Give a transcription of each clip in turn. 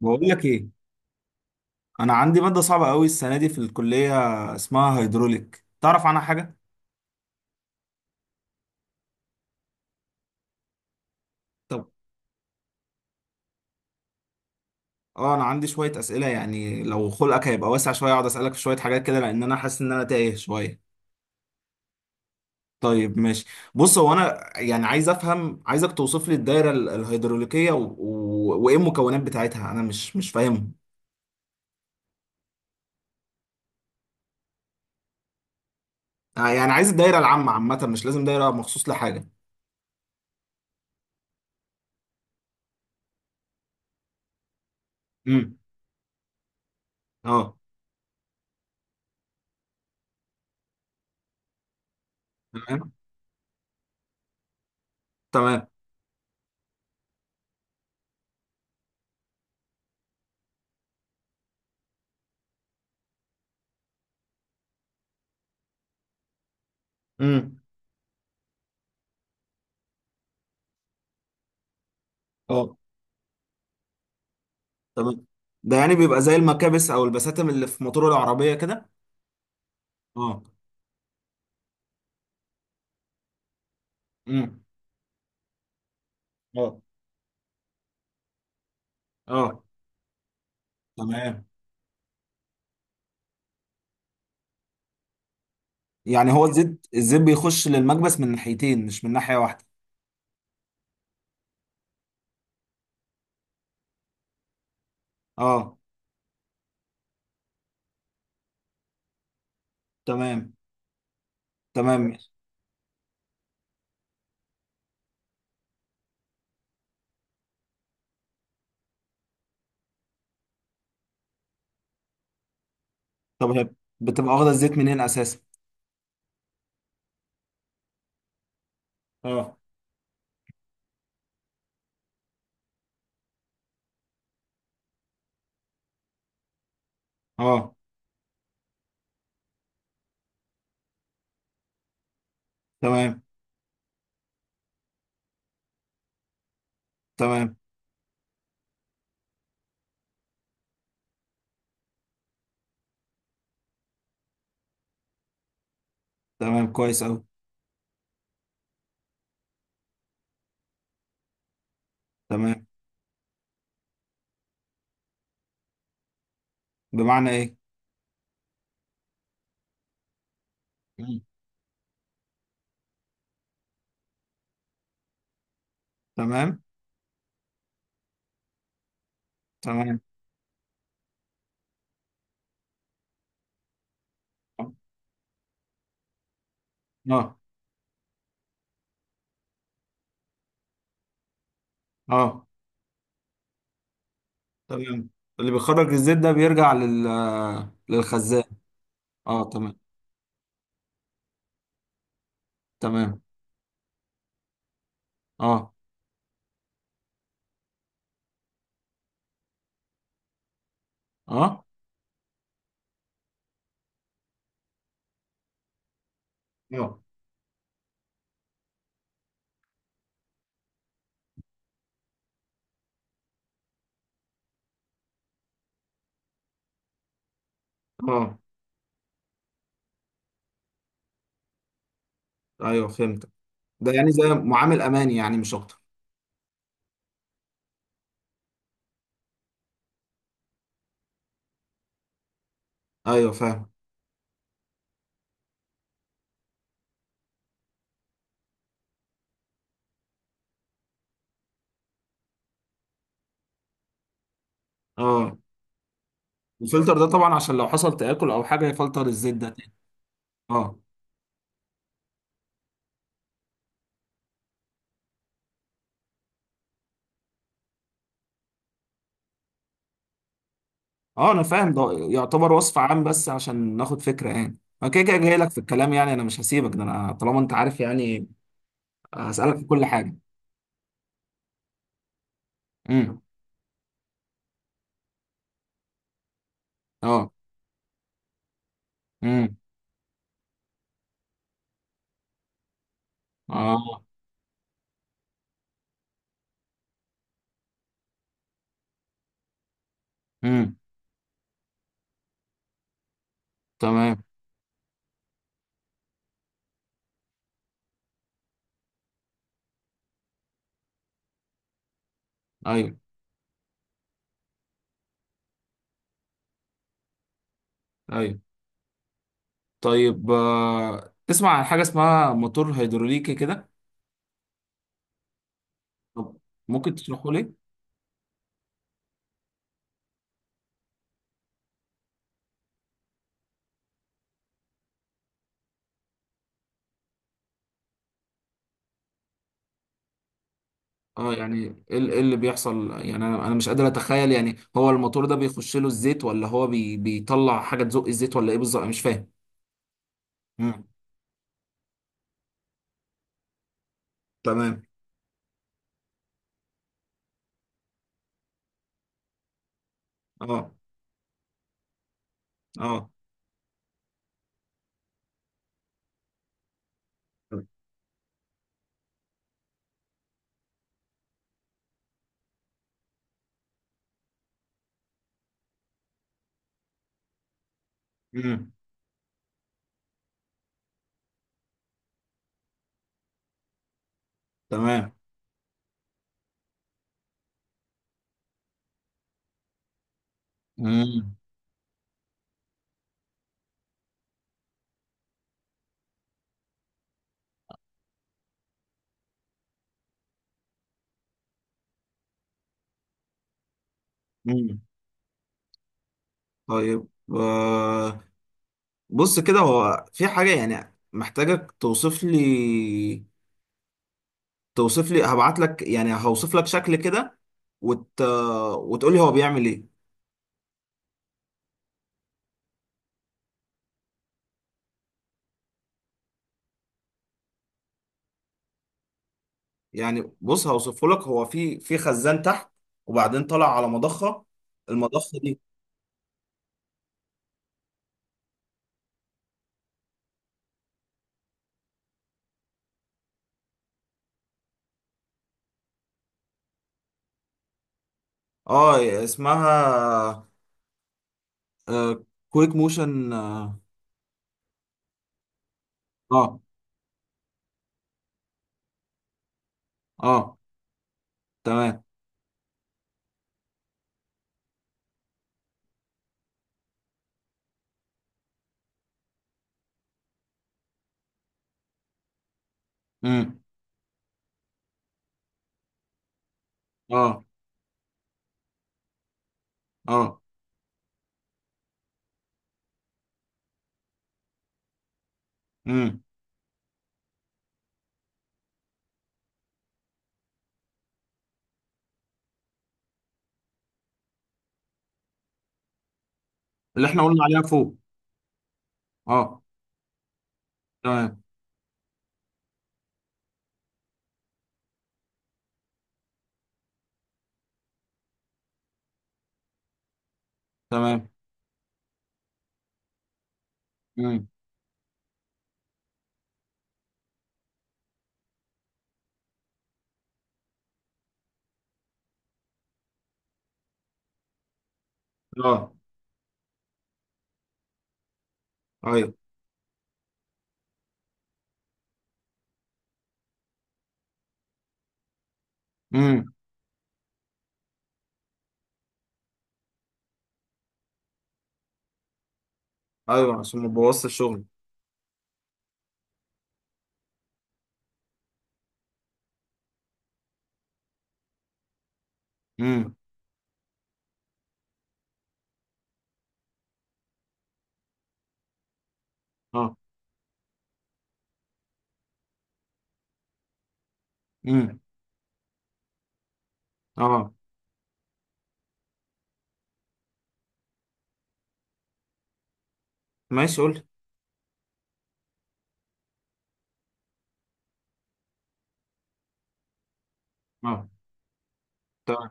بقول لك ايه؟ انا عندي ماده صعبه قوي السنه دي في الكليه، اسمها هيدروليك. تعرف عنها حاجه؟ طب اه، انا عندي شويه اسئله، يعني لو خلقك هيبقى واسع شويه اقعد اسالك في شويه حاجات كده، لان انا حاسس ان انا تايه شويه. طيب ماشي. بص، هو انا يعني عايز افهم، عايزك توصف لي الدايره ال- الهيدروليكيه وايه المكونات بتاعتها، انا مش فاهمهم. آه، يعني عايز الدايره العامه، عامه مش لازم دايره مخصوص لحاجه. امم. اه. تمام. تمام. امم. اه. تمام. ده يعني بيبقى زي المكابس او البساتم اللي في موتور العربيه كده؟ اه. امم. اه. اه. تمام. يعني هو الزيت بيخش للمكبس من ناحيتين مش من ناحيه واحده؟ اه. تمام. تمام. طب هي بتبقى واخده الزيت منين اساسا؟ اه. اه. تمام. تمام. تمام كويس قوي. تمام. بمعنى ايه؟ مم. تمام. تمام. اه. اه. تمام. اللي بيخرج الزيت ده بيرجع لل للخزان. اه. تمام. تمام. اه. اه. اه. اه. ايوه فهمتك. ده يعني زي معامل امان، يعني مش اكتر؟ ايوه فاهم. اه. الفلتر ده طبعا عشان لو حصل تآكل او حاجه يفلتر الزيت ده تاني. اه. اه انا فاهم، ده يعتبر وصف عام بس عشان ناخد فكره، يعني انا كده كده جاي لك في الكلام، يعني انا مش هسيبك، ده انا طالما انت عارف يعني هسألك في كل حاجه. امم. اه. امم. اه. امم. تمام. ايوه. ايوه. طيب آه. تسمع عن حاجه اسمها موتور هيدروليكي كده؟ طب ممكن تشرحه لي؟ اه يعني ايه ال- إيه اللي بيحصل؟ يعني أنا مش قادر اتخيل، يعني هو الموتور ده بيخش له الزيت، ولا هو بيطلع حاجه تزق الزيت، ولا ايه بالظبط؟ أنا مش فاهم. امم. تمام. اه. اه. امم. تمام. امم. امم. طيب آه، بص كده، هو في حاجه يعني محتاجك توصف لي. توصف لي، هبعت لك، يعني هوصف لك شكل كده وت... وتقول لي هو بيعمل ايه. يعني بص، هوصفه لك. هو في في خزان تحت، وبعدين طلع على مضخة. المضخة دي، اه. اسمها آه، كويك موشن. اه. اه. آه، تمام. امم. اه. اه. امم. اللي احنا قلنا عليها فوق. اه. تمام. تمام. امم. اه. ايوه. امم. ايوه عشان ما بوظش الشغل. امم. اه. امم. اه. ماشي قول لي. اه. تمام.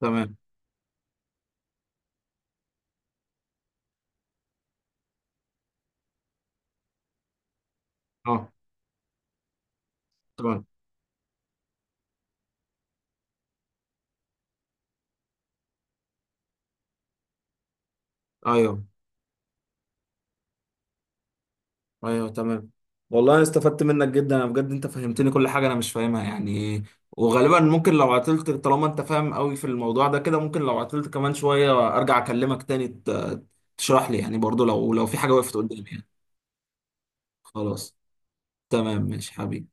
تمام. اه. تمام. ايوه. ايوه تمام. والله أنا استفدت منك جدا، انا بجد انت فهمتني كل حاجه انا مش فاهمها يعني. وغالبا ممكن لو عطلت، طالما انت فاهم قوي في الموضوع ده كده، ممكن لو عطلت كمان شويه ارجع اكلمك تاني تشرح لي، يعني برضو لو في حاجه وقفت قدامي يعني. خلاص. تمام ماشي حبيبي.